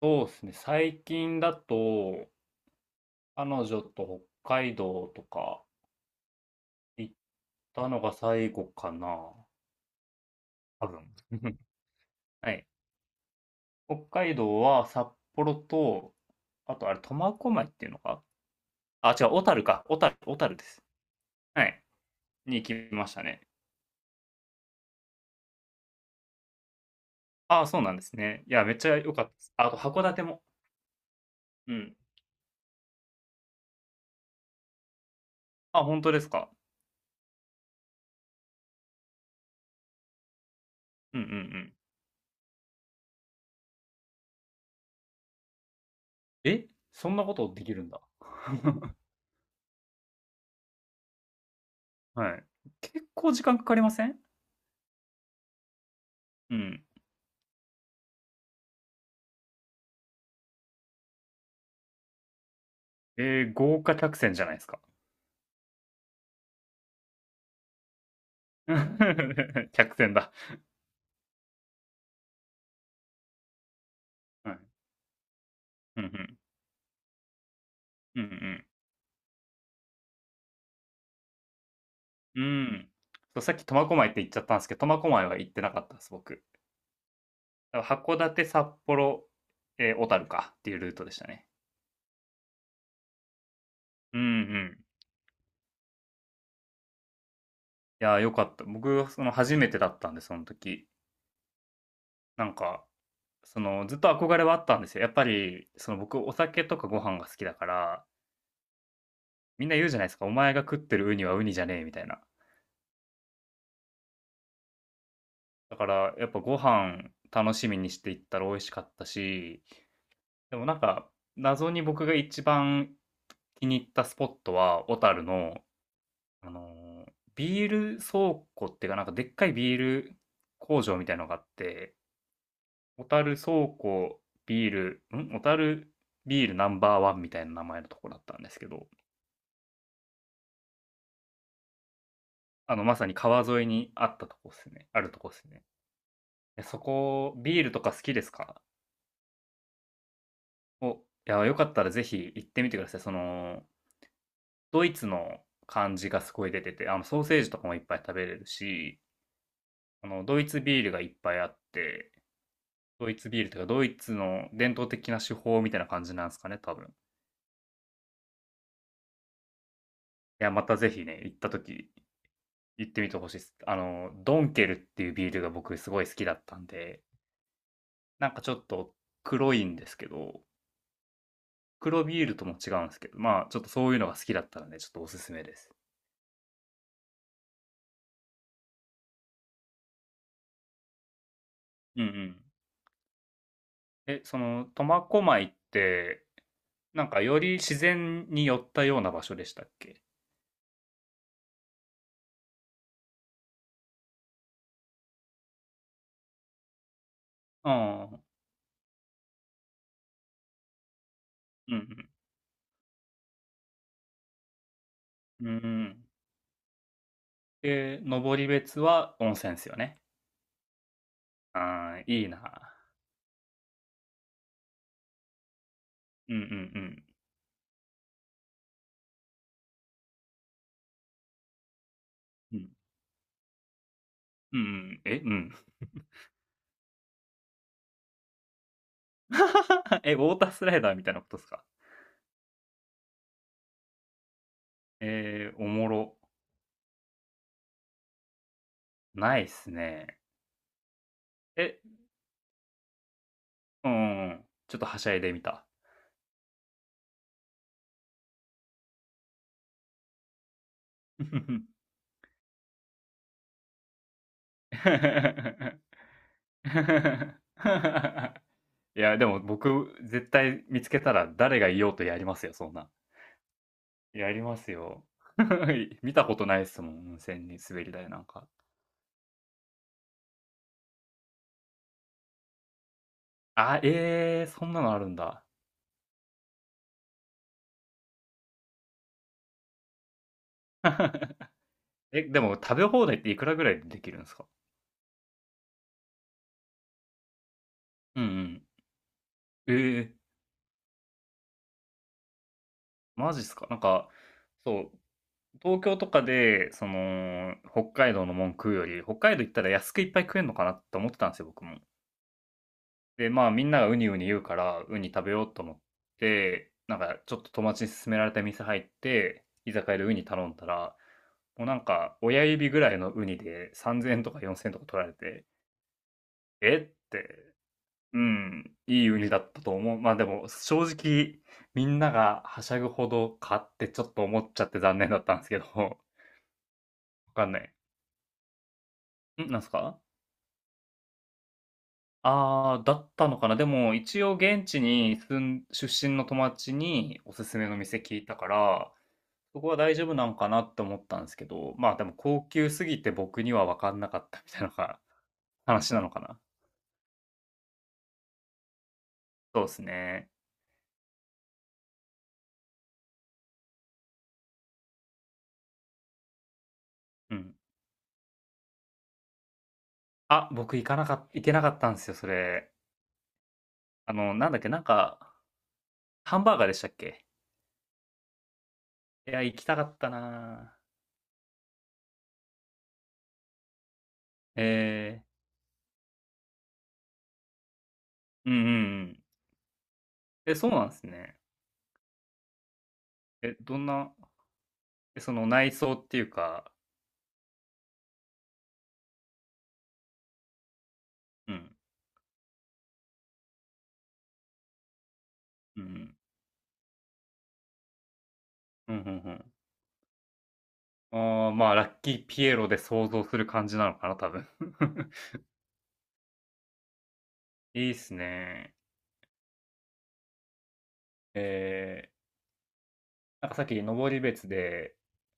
そうですね。最近だと、彼女と北海道とか行ったのが最後かな。多分。はい。北海道は札幌と、あと苫小牧っていうのかあ、違う、小樽か。小樽です。はい。に行きましたね。ああ、そうなんですね。いや、めっちゃ良かったです。ああと、函館も。うん。あ、本当ですか。うんうんうん。えそんなことできるんだ。はい。結構時間かかりませんうん。えー豪華客船じゃないですか。客船だ。はい。うんうん。うんうん。うん。そう、さっき苫小牧って言っちゃったんですけど、苫小牧は行ってなかったです、僕。だから函館、札幌、ええ、小樽かっていうルートでしたね。うんうん。いやー、よかった。僕、その、初めてだったんで、その時。なんか、その、ずっと憧れはあったんですよ。やっぱり、その、僕お酒とかご飯が好きだから、みんな言うじゃないですか「お前が食ってるウニはウニじゃねえ」みたいな。だから、やっぱご飯楽しみにしていったら美味しかったし、でもなんか、謎に僕が一番気に入ったスポットは、小樽の、あのービール倉庫っていうか、なんかでっかいビール工場みたいのがあって、小樽倉庫ビール、小樽ビールナンバーワンみたいな名前のとこだったんですけど、まさに川沿いにあったとこっすね。あるとこっすね。でそこ、ビールとか好きですかお、いや、よかったらぜひ行ってみてください。その、ドイツの感じがすごい出てて、ソーセージとかもいっぱい食べれるし、ドイツビールがいっぱいあって、ドイツビールというか、ドイツの伝統的な手法みたいな感じなんですかね、多分。いや、またぜひね、行った時、行ってみてほしいです。ドンケルっていうビールが僕すごい好きだったんで、なんかちょっと黒いんですけど、黒ビールとも違うんですけど、まあ、ちょっとそういうのが好きだったので、ちょっとおすすめです。うんうん。え、その、苫小牧って、なんかより自然に寄ったような場所でしたっけ？うん。うんうん。うん。で、登別は温泉ですよね。ああ、いいな。うんうんうん。うん。うんうん。え、うん。え、ウォータースライダーみたいなことですか？えー、おもろ。ないっすね。え、うんうん。ちょっとはしゃいでみた。いや、でも僕、絶対見つけたら誰がいようとやりますよ、そんな。やりますよ。見たことないっすもん、温泉に滑り台なんか。あ、ええそんなのあるんだ。え、でも食べ放題っていくらぐらいでできるんですかうんうん。ええマジっすかなんか、そう、東京とかで、その、北海道のもん食うより、北海道行ったら安くいっぱい食えんのかなって思ってたんですよ、僕も。で、まあみんながウニウニ言うから、ウニ食べようと思って、なんかちょっと友達に勧められた店入って、居酒屋でウニ頼んだら、もうなんか親指ぐらいのウニで3000円とか4000円とか取られて、えって、うん、いいウニだったと思う。まあでも正直みんながはしゃぐほど買ってちょっと思っちゃって残念だったんですけど、わかんない。なんすかああ、だったのかな。でも、一応現地に住ん出身の友達におすすめの店聞いたから、そこは大丈夫なのかなって思ったんですけど、まあでも高級すぎて僕には分かんなかったみたいなのが話なのかな。そうですね。うん。あ、僕行けなかったんですよ、それ。なんだっけ、なんか、ハンバーガーでしたっけいや、行きたかったなぁ。えー、うんうんうん。え、そうなんですね。え、どんな、えその内装っていうか、うん、うんうん。うんうんうん。ああ、まあ、ラッキーピエロで想像する感じなのかな、多分。いいっすね。えー、なんかさっき登別で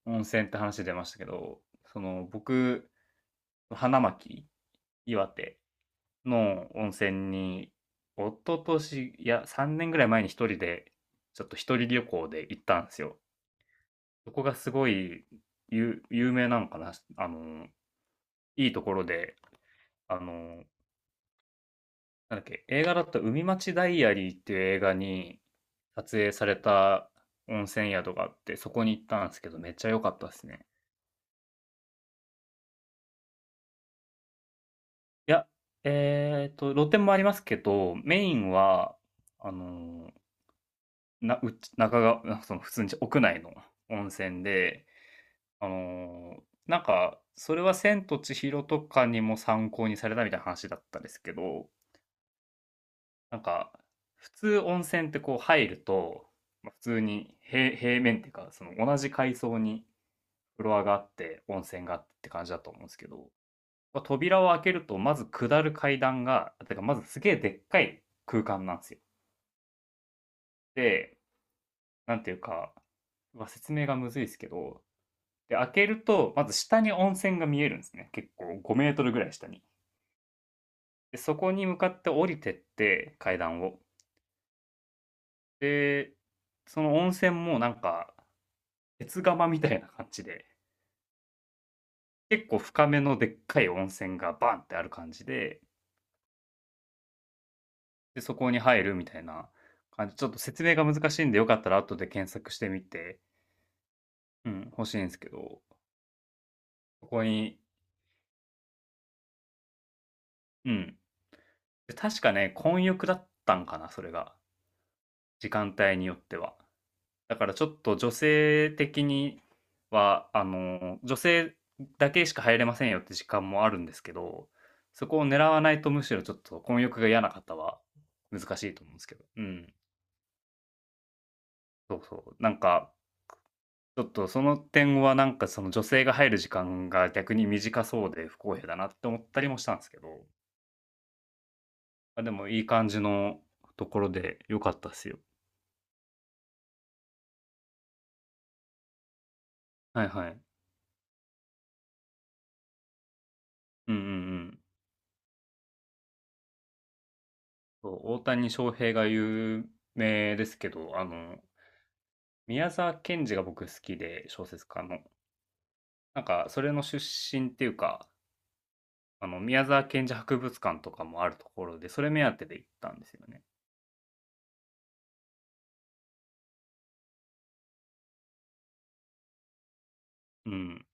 温泉って話出ましたけど、その僕、花巻、岩手の温泉に、一昨年、いや、3年ぐらい前に一人で、ちょっと一人旅行で行ったんですよ。そこがすごい有名なのかな、いいところで、あの、なんだっけ、映画だと海町ダイアリーっていう映画に撮影された温泉宿があって、そこに行ったんですけど、めっちゃ良かったですね。いや、露店もありますけど、メインは、あのーな、うち、中が、その普通に屋内の温泉で、なんか、それは千と千尋とかにも参考にされたみたいな話だったんですけど、なんか、普通温泉ってこう入ると、まあ普通に平面っていうか、その同じ階層にフロアがあって、温泉があってって感じだと思うんですけど、まあ扉を開けると、まず下る階段が、てかまずすげえでっかい空間なんですよ。で、なんていうか、うわ説明がむずいですけど、で、開けると、まず下に温泉が見えるんですね。結構5メートルぐらい下に。で、そこに向かって降りてって、階段を。で、その温泉もなんか、鉄釜みたいな感じで、結構深めのでっかい温泉がバンってある感じで、で、そこに入るみたいな感じ。ちょっと説明が難しいんで、よかったら後で検索してみて、うん、欲しいんですけど、そこに、うん。で確かね、混浴だったんかな、それが。時間帯によっては。だからちょっと女性的には、女性だけしか入れませんよって時間もあるんですけど、そこを狙わないとむしろちょっと混浴が嫌な方は難しいと思うんですけど。うん。そうそう。なんか、ちょっとその点はなんかその女性が入る時間が逆に短そうで不公平だなって思ったりもしたんですけど、あ、でもいい感じのところで良かったっすよ。はいはい。うんうんうん。そう、大谷翔平が有名ですけど、宮沢賢治が僕好きで、小説家の。なんか、それの出身っていうか、宮沢賢治博物館とかもあるところで、それ目当てで行ったんですよね。うん。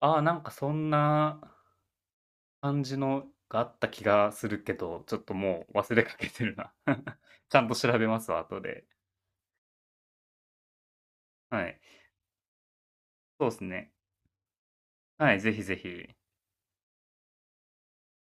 ああ、なんかそんな感じのがあった気がするけど、ちょっともう忘れかけてるな。ちゃんと調べますわ、後で。はい。そうですね。はい、ぜひぜひ。